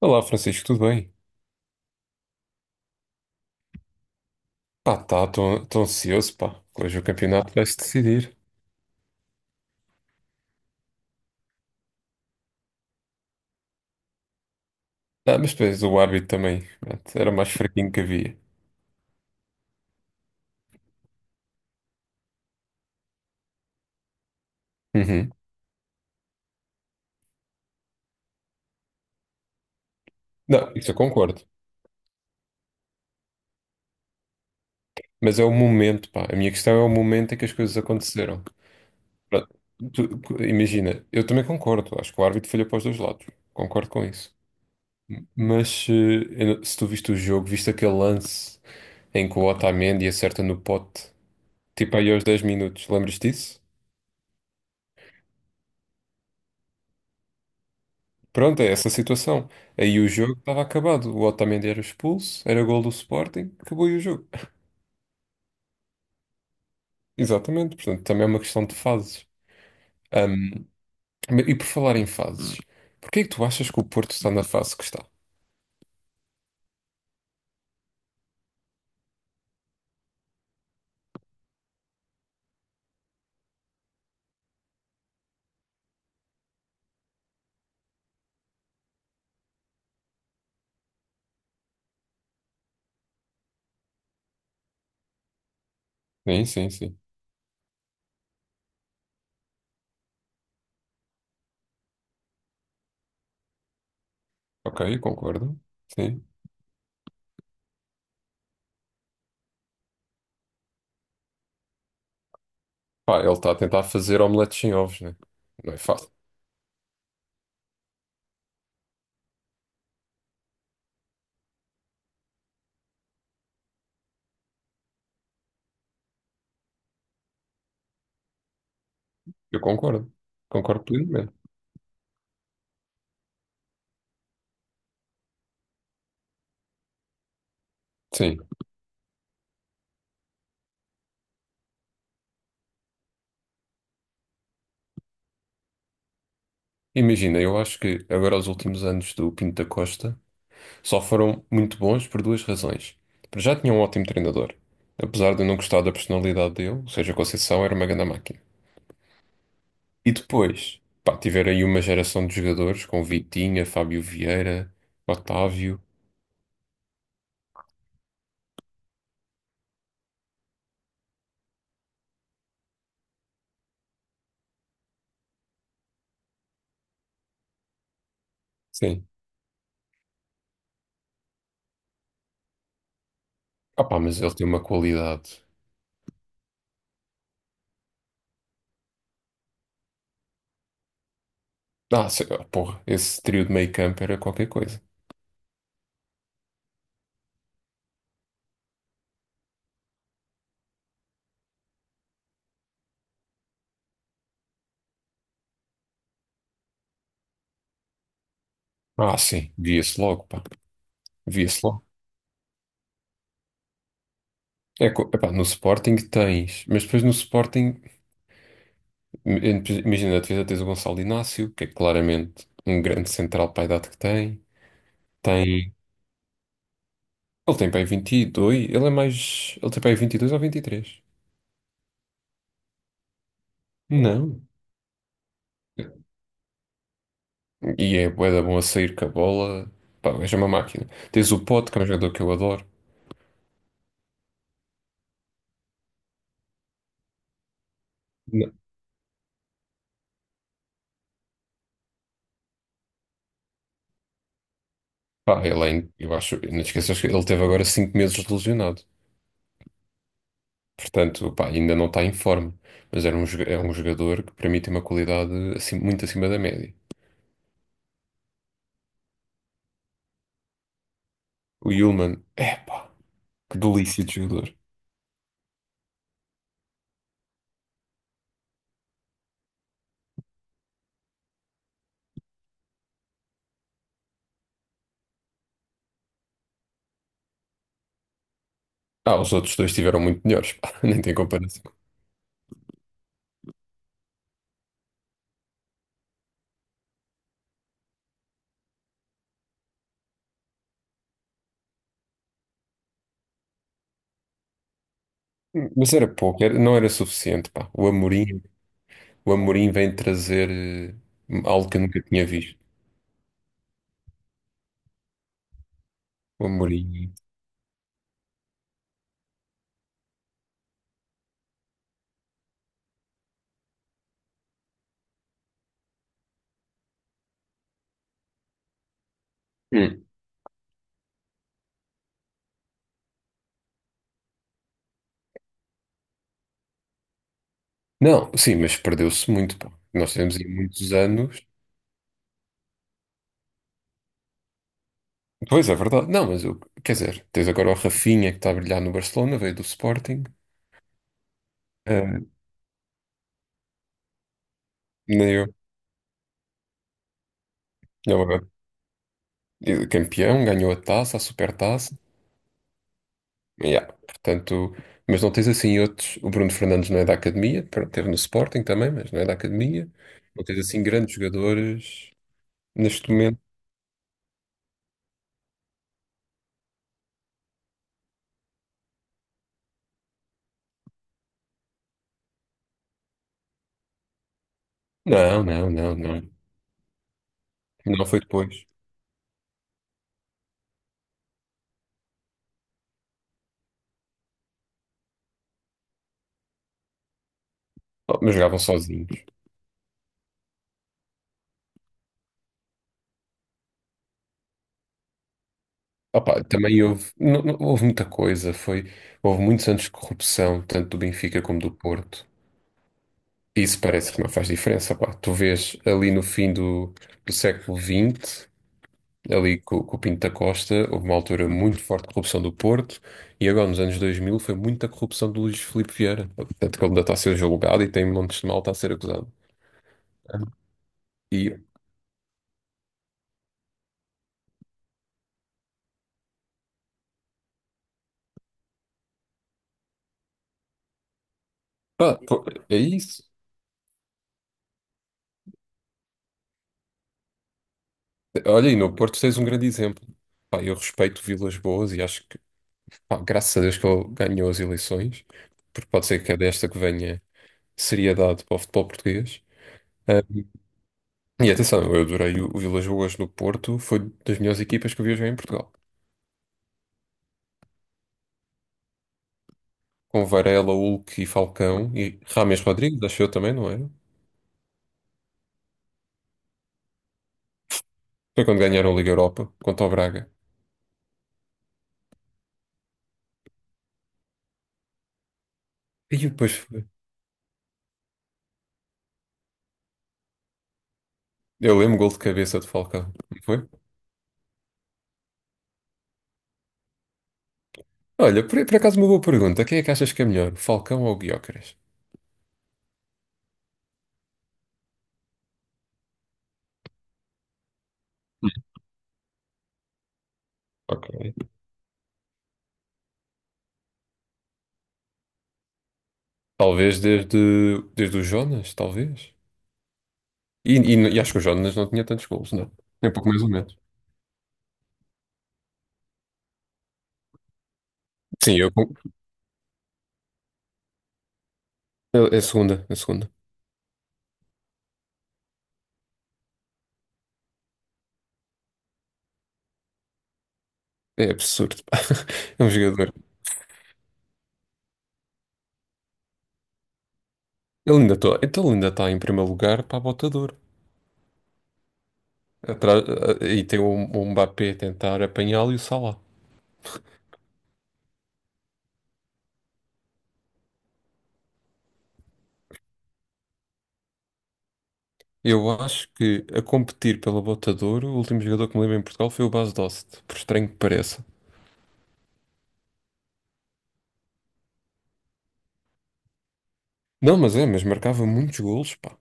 Olá, Francisco, tudo bem? Pá, tá, estou ansioso, pá. Hoje o campeonato vai-se decidir. Ah, mas depois o árbitro também, pronto, era o mais fraquinho que havia. Uhum. Não, isso eu concordo. Mas é o momento, pá. A minha questão é o momento em que as coisas aconteceram. Pronto, imagina, eu também concordo. Acho que o árbitro falhou para os dois lados. Concordo com isso. Mas eu se tu viste o jogo, viste aquele lance em que o Otamendi acerta no pote, tipo aí aos 10 minutos, lembras disso? Pronto, é essa situação. Aí o jogo estava acabado. O Otamendi era expulso, era gol do Sporting, acabou aí o jogo. Exatamente, portanto, também é uma questão de fases. Ahm, e por falar em fases, porquê é que tu achas que o Porto está na fase que está? Sim, sim, sim. Ok, concordo. Sim. Pá, ele está a tentar fazer omeletes sem ovos, né? Não é fácil. Eu concordo, concordo plenamente. Sim. Imagina, eu acho que agora os últimos anos do Pinto da Costa só foram muito bons por duas razões. Para já tinha um ótimo treinador, apesar de eu não gostar da personalidade dele, ou seja, Conceição era uma grande máquina. E depois, pá, tiveram aí uma geração de jogadores com Vitinha, Fábio Vieira, Otávio. Sim. Ah pá, mas ele tem uma qualidade. Porra, esse trio de meio campo era qualquer coisa. Ah, sim, via-se logo, pá, via-se logo. Epá, no Sporting tens, mas depois no Sporting, imagina, na defesa tens o Gonçalo Inácio, que é claramente um grande central para a idade que tem. Tem, ele tem para aí vinte e dois, ele é mais, ele tem para aí 22 ou vinte e três. Não. E é bué da bom a sair com a bola, pá, o gajo é uma máquina. Tens o Pote, que é um jogador que eu adoro. Não. Pá, eu acho, não te esqueças que ele teve agora 5 meses de lesionado. Portanto, pá, ainda não está em forma. Mas é um jogador que para mim tem uma qualidade assim, muito acima da média. O Yulman, epá, que delícia de jogador. Ah, os outros dois tiveram muito melhores, pá, nem tem comparação. Mas era pouco, não era suficiente, pá. O Amorim vem trazer algo que eu nunca tinha visto. O Amorim. Hum. Não, sim, mas perdeu-se muito, pá. Nós temos aí muitos anos. Pois é verdade. Não, mas eu, quer dizer, tens agora o Rafinha que está a brilhar no Barcelona, veio do Sporting. Eh, nem eu. Ele é campeão, ganhou a taça, a supertaça. Yeah, portanto, mas não tens assim outros. O Bruno Fernandes não é da academia, pronto, teve no Sporting também, mas não é da academia. Não tens assim grandes jogadores neste momento. Não, não, não, não. Não foi depois. Oh, mas jogavam sozinhos. Opa, também houve, houve muita coisa. Foi, houve muitos anos de corrupção, tanto do Benfica como do Porto. Isso parece que não faz diferença. Pá. Tu vês ali no fim do, do século vinte ali com o Pinto da Costa, houve uma altura muito forte de corrupção do Porto, e agora nos anos 2000 foi muita corrupção do Luís Filipe Vieira. Portanto, que ele ainda está a ser julgado e tem montes de malta a ser acusado. E pá, pô, é isso. Olha, e no Porto tens um grande exemplo. Pá, eu respeito Vilas Boas e acho que, pá, graças a Deus que ele ganhou as eleições, porque pode ser que é desta que venha seriedade para o futebol português. Ah, e atenção, eu adorei o Vilas Boas no Porto, foi das melhores equipas que eu vi jogar em Portugal, com Varela, Hulk e Falcão e Rames Rodrigues, acho eu também, não era? Foi quando ganharam a Liga Europa contra o Braga. E depois foi. Eu lembro gol de cabeça de Falcão, não foi? Olha, por acaso uma boa pergunta. Quem é que achas que é melhor, Falcão ou Gyökeres? Ok. Talvez desde, desde o Jonas, talvez. E, e acho que o Jonas não tinha tantos gols, não. É um pouco mais ou menos. Sim, é é a segunda, é a segunda. É absurdo, pá. É um jogador. Ele ainda está, então ele ainda está em primeiro lugar para a bota de ouro. Atrás- eh, e tem o Mbappé a tentar apanhá-lo e o Salah. Eu acho que a competir pela Bota de Ouro, o último jogador que me lembro em Portugal foi o Bas Dost, por estranho que pareça. Não, mas é, mas marcava muitos golos, pá.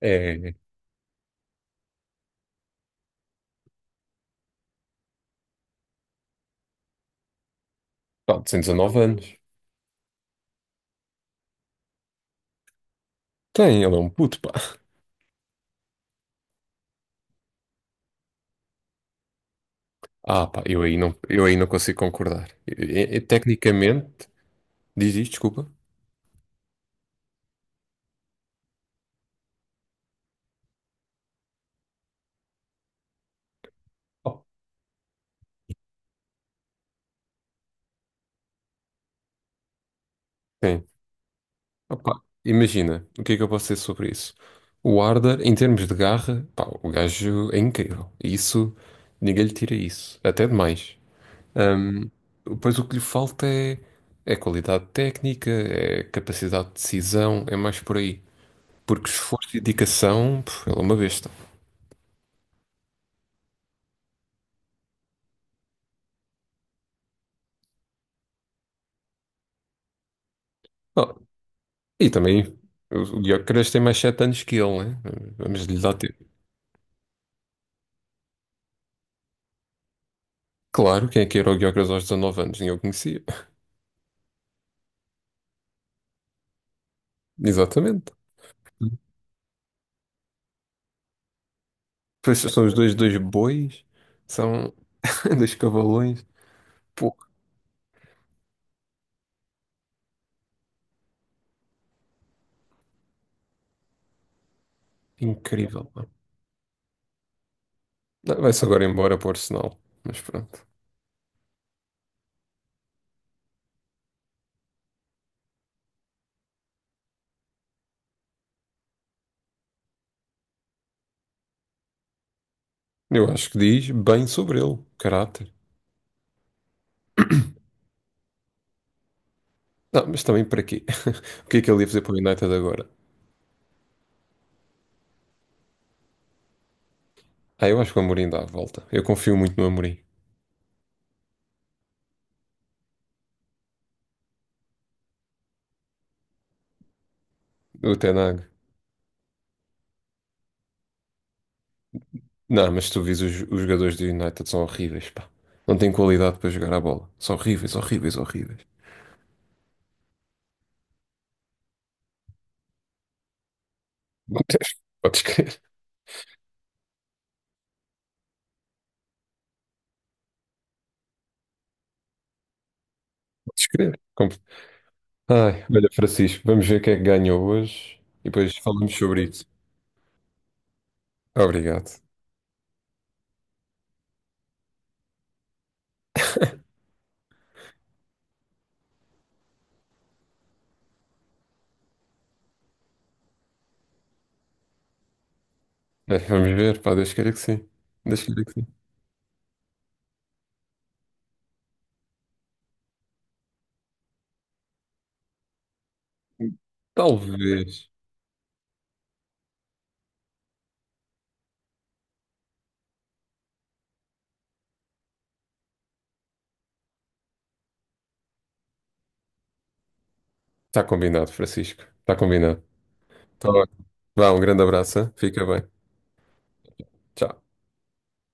É, pá, tem 19 anos. Tem, ele é um puto, pá. Ah, pá, eu aí não consigo concordar. Tecnicamente, diz isto, desculpa. Oh. Sim. Opa, imagina, o que é que eu posso dizer sobre isso? O Arda, em termos de garra, pá, o gajo é incrível. Isso, ninguém lhe tira isso. Até demais. Ahm, pois o que lhe falta é, é qualidade técnica, é capacidade de decisão, é mais por aí. Porque esforço e dedicação, pff, ele é uma besta. Oh, e também, o Gyökeres tem mais 7 anos que ele, né? Vamos lhe dar tempo. Claro, quem é que era o Gyökeres aos 19 anos? Ninguém o conhecia. Exatamente. Pois são os dois, dois bois, são dois cavalões. Pô, incrível, pá. Não, vai-se agora embora para o Arsenal, mas pronto. Eu acho que diz bem sobre ele, caráter. Não, mas também para quê? O que é que ele ia fazer para o United agora? Ah, eu acho que o Amorim dá a volta. Eu confio muito no Amorim. O Ten Hag. Não, mas tu vês os jogadores do United são horríveis, pá. Não têm qualidade para jogar a bola. São horríveis, horríveis, horríveis. Podes crer, podes crer. Ai, olha, Francisco, vamos ver quem é que ganhou hoje e depois falamos sobre isso. Obrigado. É, vamos ver, pá, Deus queira que sim. Deus queira que sim. Talvez. Está combinado, Francisco. Está combinado. Tá bem. Vá, um grande abraço, hein? Fica bem. Tchau.